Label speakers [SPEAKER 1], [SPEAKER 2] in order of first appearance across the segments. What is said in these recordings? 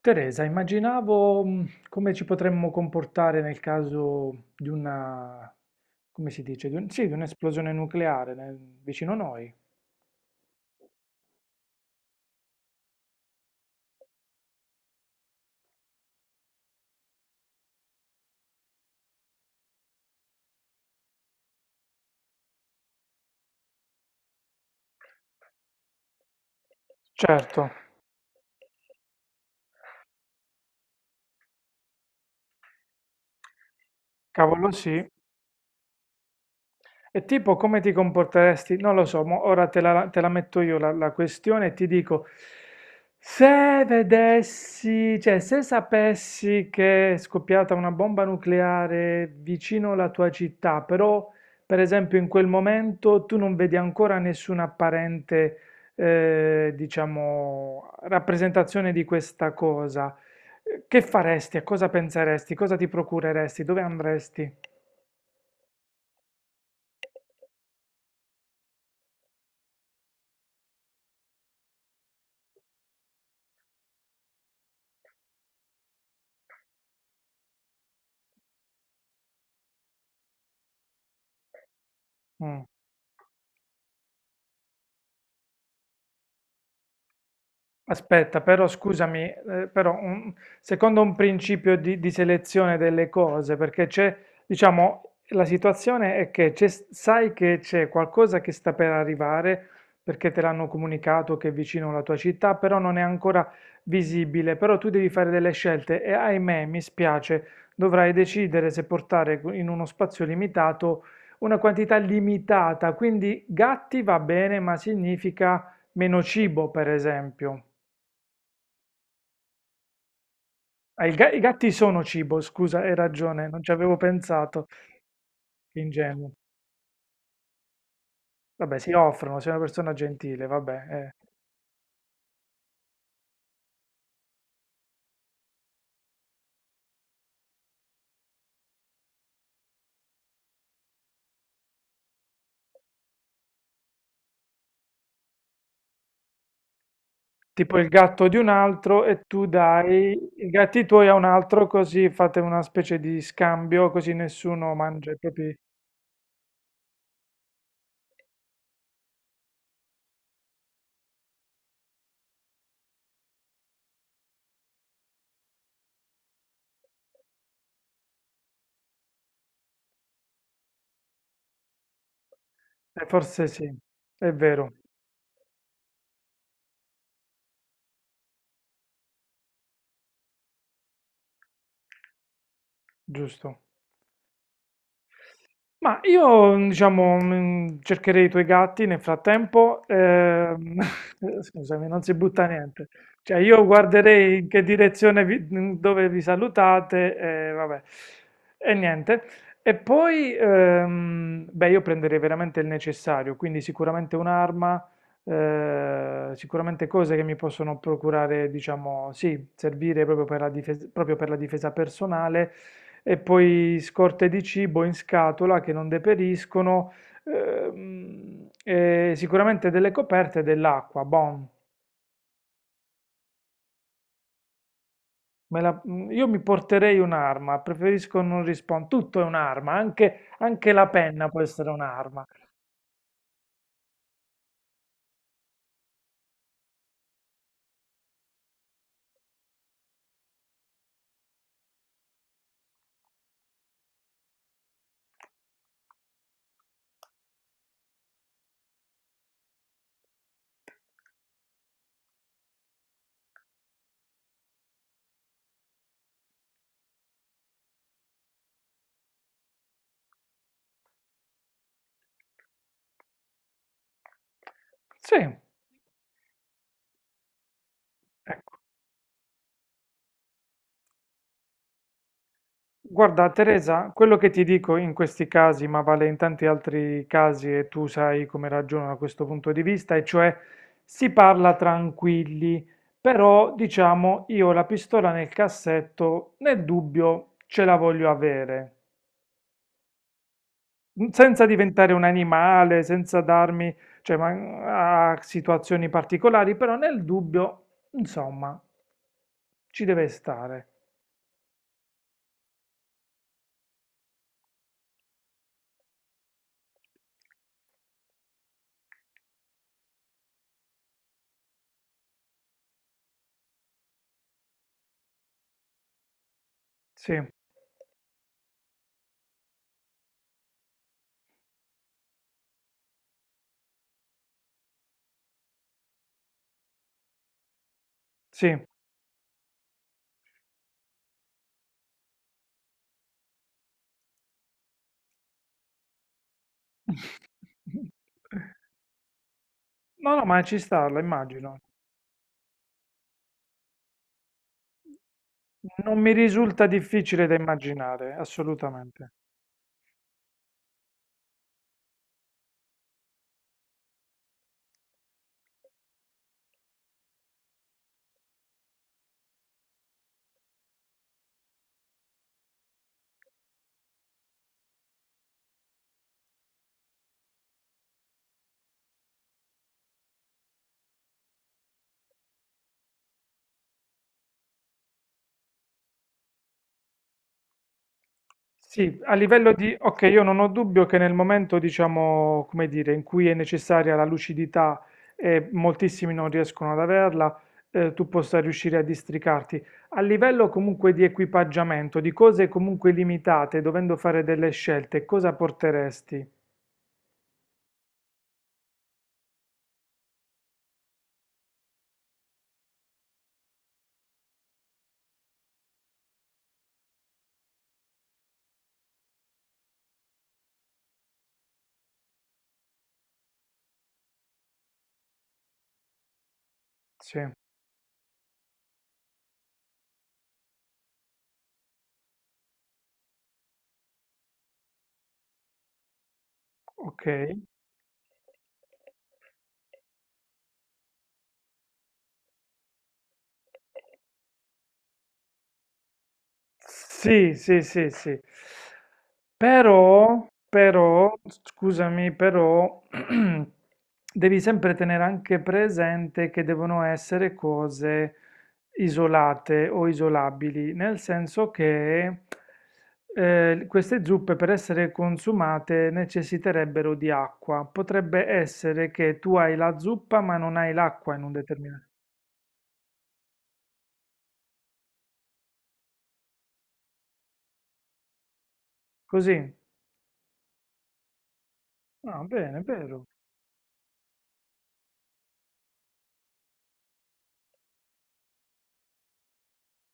[SPEAKER 1] Teresa, immaginavo come ci potremmo comportare nel caso di una, come si dice, sì, di un'esplosione nucleare vicino a noi. Certo, cavolo sì, e tipo come ti comporteresti? Non lo so, mo ora te la metto io la questione e ti dico, se vedessi, cioè se sapessi che è scoppiata una bomba nucleare vicino alla tua città, però per esempio in quel momento tu non vedi ancora nessuna apparente, diciamo, rappresentazione di questa cosa, che faresti? A cosa penseresti? Cosa ti procureresti? Dove andresti? Mm. Aspetta, però scusami, però, secondo un principio di selezione delle cose, perché c'è, diciamo, la situazione è che sai che c'è qualcosa che sta per arrivare, perché te l'hanno comunicato che è vicino alla tua città, però non è ancora visibile, però tu devi fare delle scelte e ahimè, mi spiace, dovrai decidere se portare in uno spazio limitato una quantità limitata, quindi gatti va bene, ma significa meno cibo, per esempio. Ah, i gatti sono cibo, scusa, hai ragione, non ci avevo pensato, che ingenuo. Vabbè, si offrono, sei una persona gentile, vabbè, eh. Tipo il gatto di un altro e tu dai i gatti tuoi a un altro, così fate una specie di scambio, così nessuno mangia i propri... Eh, forse sì, è vero, giusto. Ma io, mm, diciamo, mm, cercherei i tuoi gatti nel frattempo. Scusami, non si butta niente. Cioè, io guarderei in che direzione mm, dove vi salutate, e vabbè, e niente. E poi, beh, io prenderei veramente il necessario, quindi sicuramente un'arma, sicuramente cose che mi possono procurare, diciamo, sì, servire proprio per la difesa, proprio per la difesa personale e poi scorte di cibo in scatola che non deperiscono, e sicuramente delle coperte e dell'acqua. Bon, me la- io mi porterei un'arma, preferisco non rispondere. Tutto è un'arma, anche, anche la penna può essere un'arma. Sì. Guarda, Teresa, quello che ti dico in questi casi, ma vale in tanti altri casi e tu sai come ragiono da questo punto di vista, e cioè si parla tranquilli, però diciamo io la pistola nel cassetto, nel dubbio ce la voglio avere. Mm, senza diventare un animale, senza darmi, cioè, a situazioni particolari, però nel dubbio, insomma, ci deve stare. Sì, sì. No, no, ma ci sta, la immagino. Non mi risulta difficile da immaginare, assolutamente. Sì, a livello di... Ok, io non ho dubbio che nel momento, diciamo, come dire, in cui è necessaria la lucidità e moltissimi non riescono ad averla, tu possa riuscire a districarti. A livello comunque di equipaggiamento, di cose comunque limitate, dovendo fare delle scelte, cosa porteresti? Sì, ok. Sì, sì, sì, sì. Però, però, scusami, però, devi sempre tenere anche presente che devono essere cose isolate o isolabili, nel senso che queste zuppe per essere consumate necessiterebbero di acqua. Potrebbe essere che tu hai la zuppa ma non hai l'acqua in un determinato... Così? Ah, bene, vero.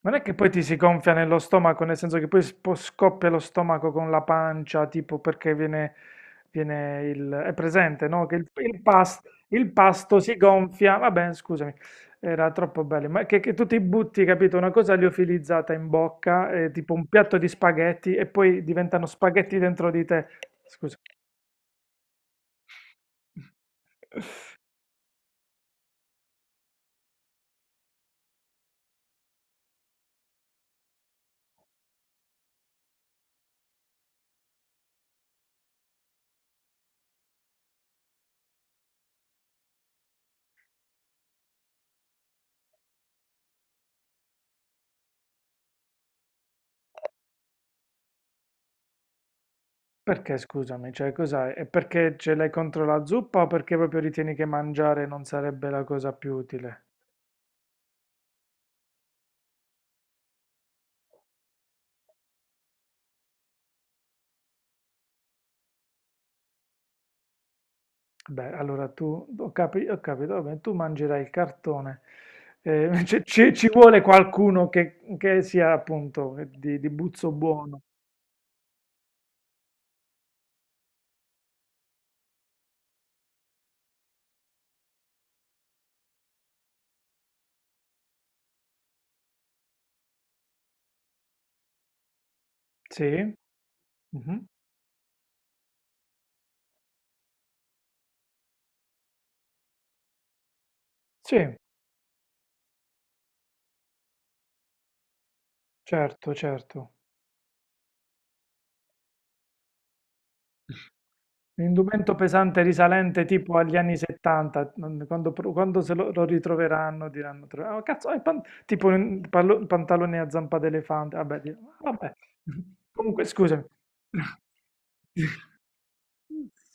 [SPEAKER 1] Non è che poi ti si gonfia nello stomaco, nel senso che poi scoppia lo stomaco con la pancia, tipo perché viene, viene il... È presente, no? Che il il pasto si gonfia. Vabbè, scusami, era troppo bello. Ma che tu ti butti, capito? Una cosa liofilizzata in bocca, tipo un piatto di spaghetti, e poi diventano spaghetti dentro di te. Scusa. Perché, scusami, cioè cos'hai? È perché ce l'hai contro la zuppa o perché proprio ritieni che mangiare non sarebbe la cosa più utile? Beh, allora tu, ho capito, vabbè, tu mangerai il cartone. Ci ci vuole qualcuno che sia appunto di buzzo buono. Sì? Mhm. Sì, certo, certo. L'indumento pesante risalente tipo agli anni 70, non- quando, quando se lo, lo ritroveranno diranno, tro- "Ah, cazzo, è tipo un pantalone a zampa d'elefante, vabbè, di- vabbè. Comunque, scusami.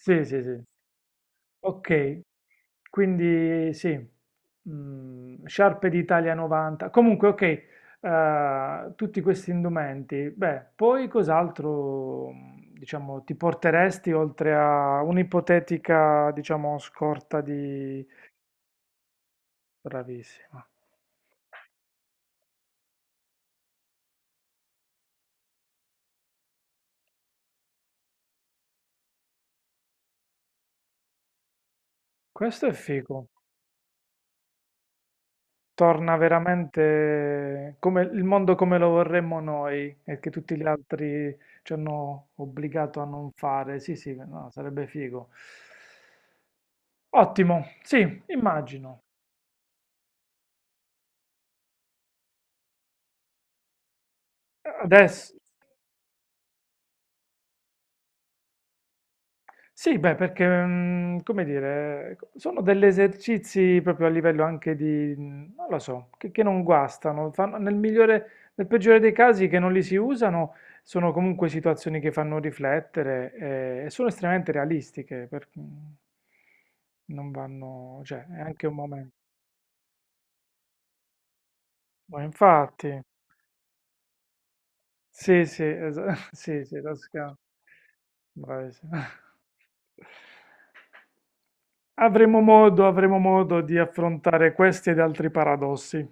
[SPEAKER 1] Sì, sì, sì. Ok, quindi sì, mm, sciarpe d'Italia 90. Comunque, ok, tutti questi indumenti. Beh, poi cos'altro, mm, diciamo, ti porteresti oltre a un'ipotetica, diciamo, scorta di... Bravissima. Questo è figo. Torna veramente come il mondo come lo vorremmo noi e che tutti gli altri ci hanno obbligato a non fare. Sì, sì, no, sarebbe figo. Ottimo, sì, immagino. Adesso. Sì, beh, perché, mm, come dire, sono degli esercizi proprio a livello anche di, mm, non lo so, che non guastano, fanno- nel migliore, nel peggiore dei casi che non li si usano, sono comunque situazioni che fanno riflettere e sono estremamente realistiche, perché non vanno, cioè, è anche un momento. Ma infatti... Sì, sì, esa sì, sì, Toscana. Bravissima. Avremo modo di affrontare questi ed altri paradossi.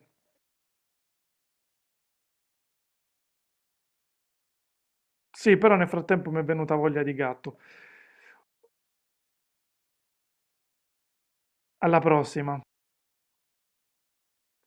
[SPEAKER 1] Sì, però nel frattempo mi è venuta voglia di gatto. Alla prossima.